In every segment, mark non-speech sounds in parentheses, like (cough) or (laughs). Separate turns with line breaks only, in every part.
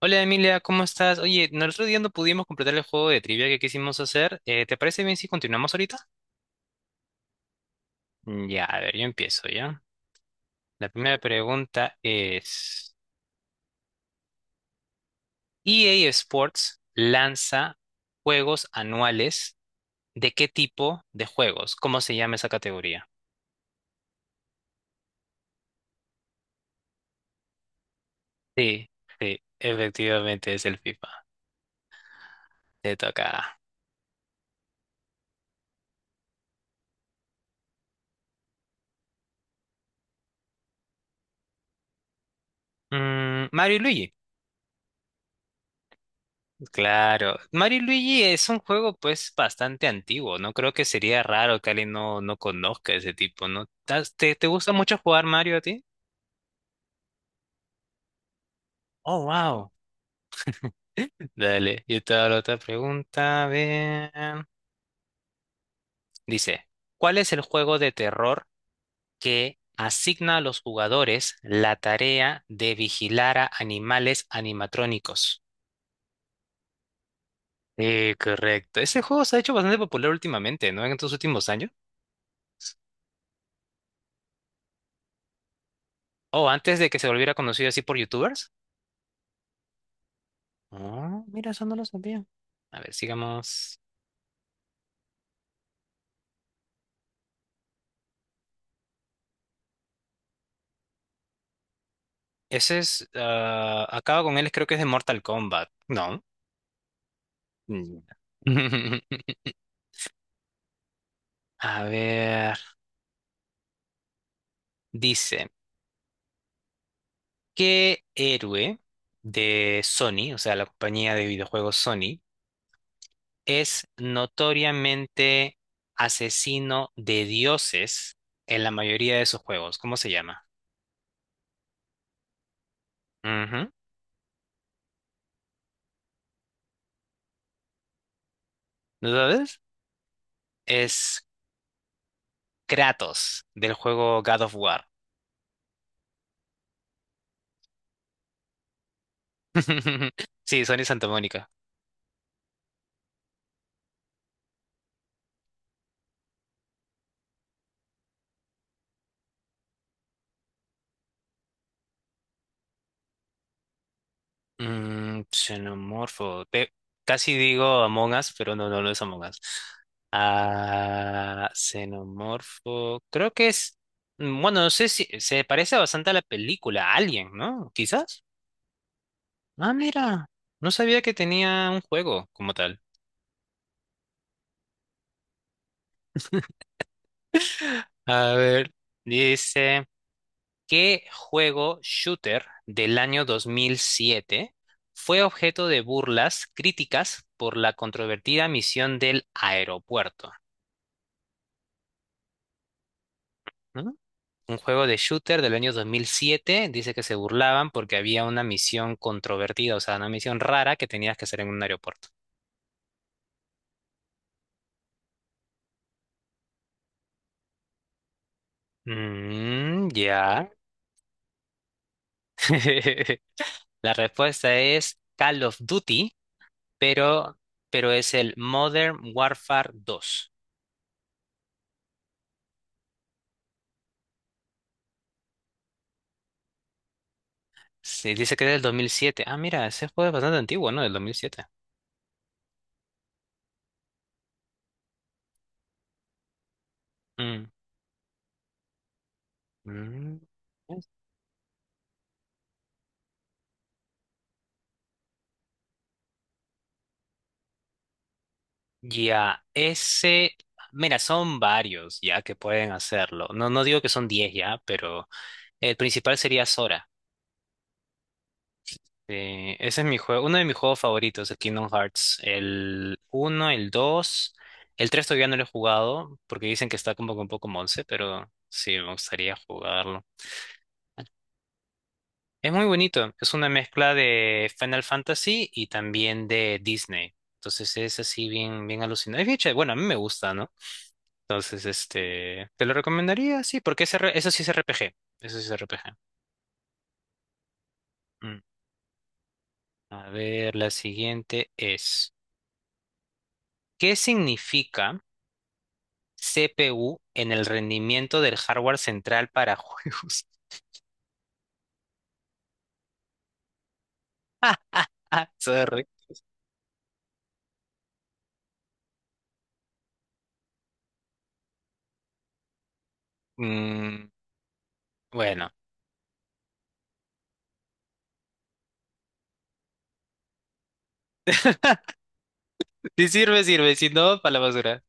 Hola Emilia, ¿cómo estás? Oye, no, el otro día no pudimos completar el juego de trivia que quisimos hacer. ¿Te parece bien si continuamos ahorita? Ya, a ver, yo empiezo, ¿ya? La primera pregunta es, EA Sports lanza juegos anuales, ¿de qué tipo de juegos? ¿Cómo se llama esa categoría? Sí, sí, efectivamente es el FIFA. Te toca. Mario y Luigi. Claro. Mario y Luigi es un juego pues bastante antiguo, ¿no? Creo que sería raro que alguien no conozca ese tipo, ¿no? ¿Te gusta mucho jugar Mario a ti? Oh, wow. Dale, yo te hago la otra pregunta. A ver. Dice, ¿cuál es el juego de terror que asigna a los jugadores la tarea de vigilar a animales animatrónicos? Sí, correcto. Ese juego se ha hecho bastante popular últimamente, ¿no? En estos últimos años. O antes de que se volviera conocido así por YouTubers. Ah, mira, eso no lo sabía. A ver, sigamos. Acaba con él, creo que es de Mortal Kombat. No. Mm. (laughs) A ver. Dice: ¿Qué héroe de Sony, o sea, la compañía de videojuegos Sony, es notoriamente asesino de dioses en la mayoría de sus juegos? ¿Cómo se llama? Ujú. ¿No sabes? Es Kratos del juego God of War. (laughs) Sí, Sony Santa Mónica. Xenomorfo. Casi digo Among Us, pero no, no, no es Among Us. Ah, xenomorfo. Creo que es. Bueno, no sé si se parece bastante a la película Alien, ¿no? Quizás. Ah, mira. No sabía que tenía un juego como tal. A ver, dice. ¿Qué juego shooter del año 2007 fue objeto de burlas críticas por la controvertida misión del aeropuerto? ¿Mm? Un juego de shooter del año 2007 dice que se burlaban porque había una misión controvertida, o sea, una misión rara que tenías que hacer en un aeropuerto. Mm, ya. (laughs) La respuesta es Call of Duty, pero, pero es el Modern Warfare 2. Sí, dice que es del 2007. Ah, mira, ese juego es bastante antiguo, ¿no? Del 2007. Mm. Mm. Ya, mira, son varios ya que pueden hacerlo. No, no digo que son 10 ya, pero el principal sería Sora. Ese es mi juego, uno de mis juegos favoritos, el Kingdom Hearts. El uno el 2 el 3 todavía no lo he jugado porque dicen que está como que un poco monce, pero sí, me gustaría jugarlo. Es muy bonito, es una mezcla de Final Fantasy y también de Disney. Entonces es así bien, bien alucinante. Es bien chévere. Bueno, a mí me gusta, ¿no? Entonces, este, te lo recomendaría, sí, porque es eso sí es RPG. Eso sí es RPG. Mm. A ver, la siguiente es, ¿qué significa CPU en el rendimiento del hardware central para juegos? (laughs) Ah, sorry. Mm, bueno, si sirve, sirve, si no, para la basura.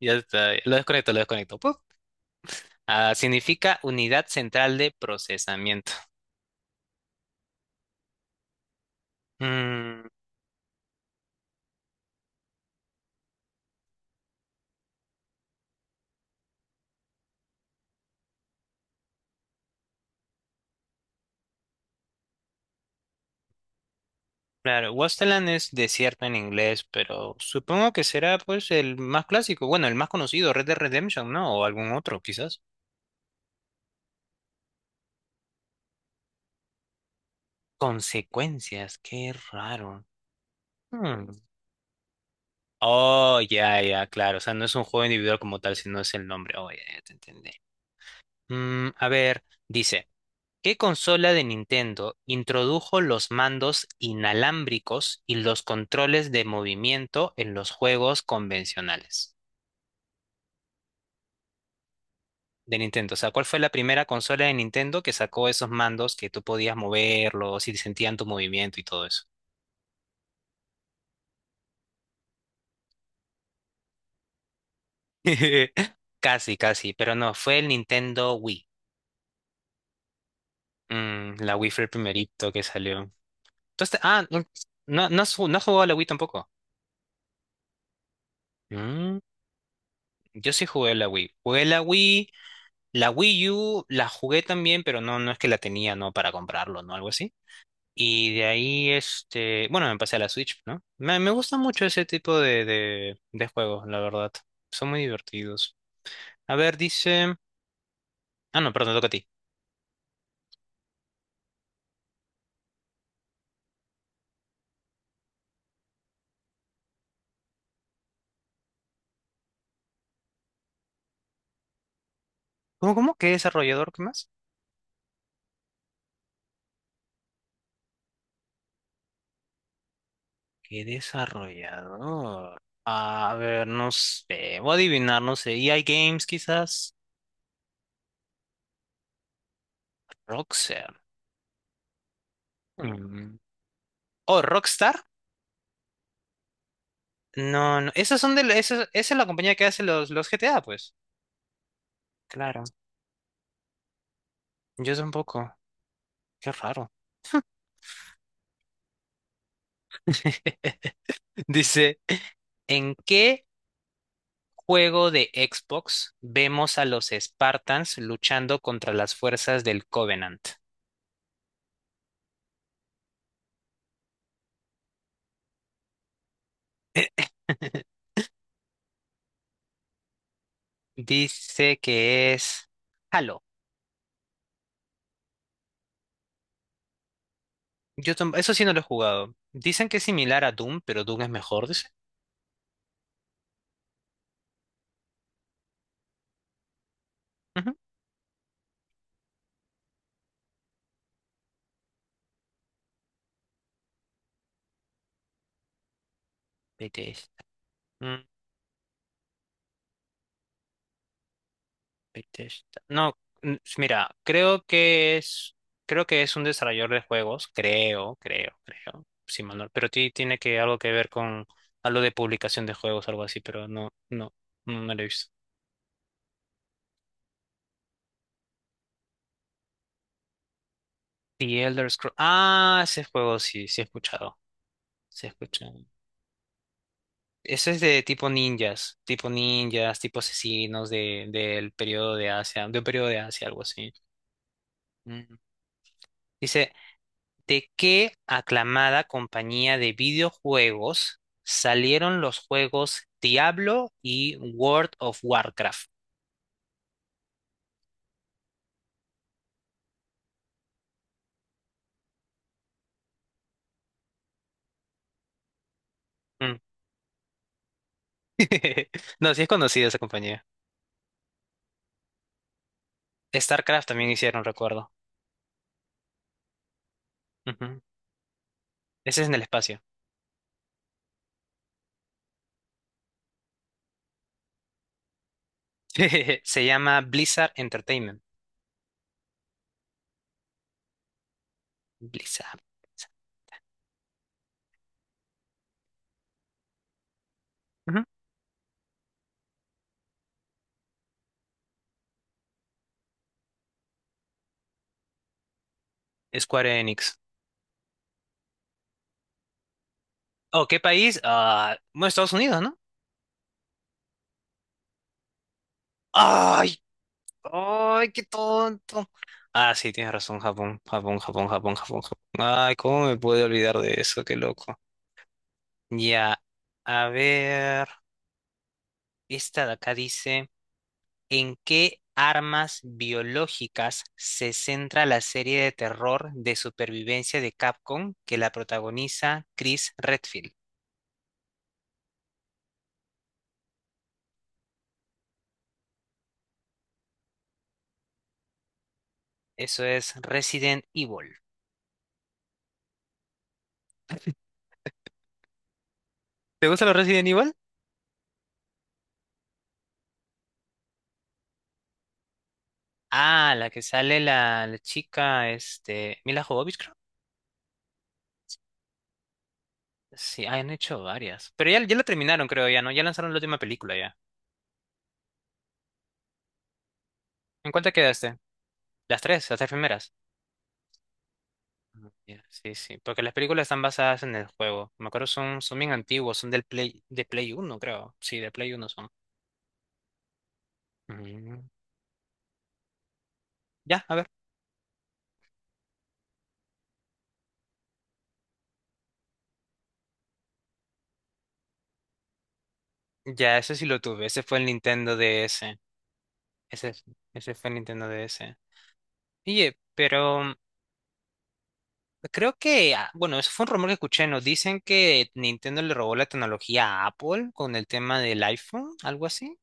Ya está, lo desconecto, lo desconecto. Ah, significa unidad central de procesamiento. Mm, claro, Wasteland es desierto en inglés, pero supongo que será pues el más clásico, bueno, el más conocido, Red Dead Redemption, ¿no? O algún otro, quizás. Consecuencias, qué raro. Hmm. Oh, ya, ya, claro. O sea, no es un juego individual como tal, sino es el nombre. Oh, ya, ya te entendí. A ver, dice. ¿Qué consola de Nintendo introdujo los mandos inalámbricos y los controles de movimiento en los juegos convencionales de Nintendo? O sea, ¿cuál fue la primera consola de Nintendo que sacó esos mandos que tú podías moverlos y sentían tu movimiento y todo eso? (laughs) Casi, casi, pero no, fue el Nintendo Wii. La Wii fue el primerito que salió. Entonces, no, no, no has jugado a la Wii tampoco. Mm, yo sí jugué a la Wii. Jugué a la Wii. La Wii U la jugué también, pero no, no es que la tenía, ¿no? Para comprarlo, ¿no? Algo así. Y de ahí, este, bueno, me pasé a la Switch, ¿no? Me gusta mucho ese tipo de juegos, la verdad. Son muy divertidos. A ver, ah, no, perdón, te toca a ti. ¿Cómo, cómo? ¿Qué desarrollador? ¿Qué más? ¿Qué desarrollador? A ver, no sé. Voy a adivinar, no sé. EA Games, quizás. Rockstar. Mm. ¿O Rockstar? No, no. Esas son de... la- Esa es la compañía que hace los GTA, pues. Claro, yo tampoco. Qué raro. (laughs) Dice, ¿en qué juego de Xbox vemos a los Spartans luchando contra las fuerzas del Covenant? (laughs) Dice que es Halo. Eso sí no lo he jugado. Dicen que es similar a Doom, pero Doom es mejor, dice. Ujú. Bethesda. Bethesda. No, mira, creo que es un desarrollador de juegos, creo, sí, Manuel, pero tiene que algo que ver con algo de publicación de juegos, algo así, pero no, no, no, no lo he visto. The Elder Scrolls. Ah, ese juego sí, sí he escuchado, sí he escuchado. Ese es de tipo ninjas, tipo ninjas, tipo asesinos del periodo de Asia, de un periodo de Asia, algo así. Mm. Dice: ¿De qué aclamada compañía de videojuegos salieron los juegos Diablo y World of Warcraft? Mm. (laughs) No, sí es conocida esa compañía. StarCraft también hicieron, recuerdo. Ujú. Ese es en el espacio. (laughs) Se llama Blizzard Entertainment. Blizzard. Blizzard. Ujú. Square Enix. ¿O qué país? Ah, bueno, Estados Unidos, ¿no? ¡Ay! ¡Ay, qué tonto! Ah, sí, tienes razón, Japón, Japón, Japón, Japón, Japón, Japón. Ay, ¿cómo me pude olvidar de eso? Qué loco. Ya, a ver, esta de acá dice, ¿en qué armas biológicas se centra la serie de terror de supervivencia de Capcom que la protagoniza Chris Redfield? Eso es Resident Evil. ¿Te gusta los Resident Evil? Ah, la que sale la chica, este, Mila Jovovich. Sí, han hecho varias. Pero ya, ya la terminaron, creo, ya, ¿no? Ya lanzaron la última película, ya. ¿En cuál te quedaste? Las tres primeras. Ah, ya, sí, sí, porque las películas están basadas en el juego. Me acuerdo, son bien antiguos, son del Play, de Play Uno, creo. Sí, de Play Uno son. Mm. Ya, a ver. Ya, ese sí lo tuve. Ese fue el Nintendo DS. Ese, ese fue el Nintendo DS. Oye, pero creo que, bueno, eso fue un rumor que escuché, ¿no? Dicen que Nintendo le robó la tecnología a Apple con el tema del iPhone, algo así.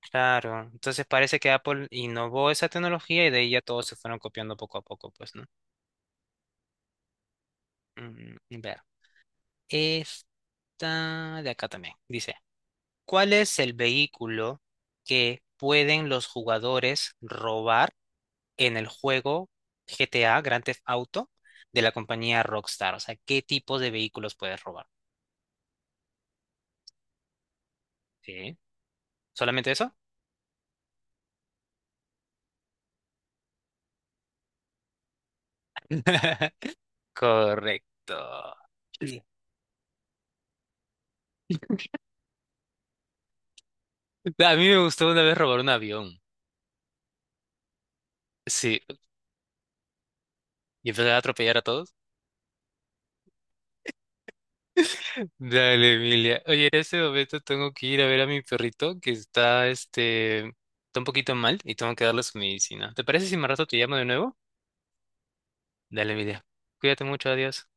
Claro, entonces parece que Apple innovó esa tecnología y de ahí ya todos se fueron copiando poco a poco, pues, ¿no? Ver, esta de acá también dice, ¿cuál es el vehículo que pueden los jugadores robar en el juego GTA Grand Theft Auto de la compañía Rockstar? O sea, ¿qué tipo de vehículos puedes robar? ¿Sí? ¿Solamente eso? (laughs) Correcto. Sí. A mí me gustó una vez robar un avión. Sí, y empezar a atropellar a todos. Dale, Emilia. Oye, en este momento tengo que ir a ver a mi perrito que está un poquito mal y tengo que darle su medicina. ¿Te parece si más rato te llamo de nuevo? Dale, Emilia. Cuídate mucho, adiós.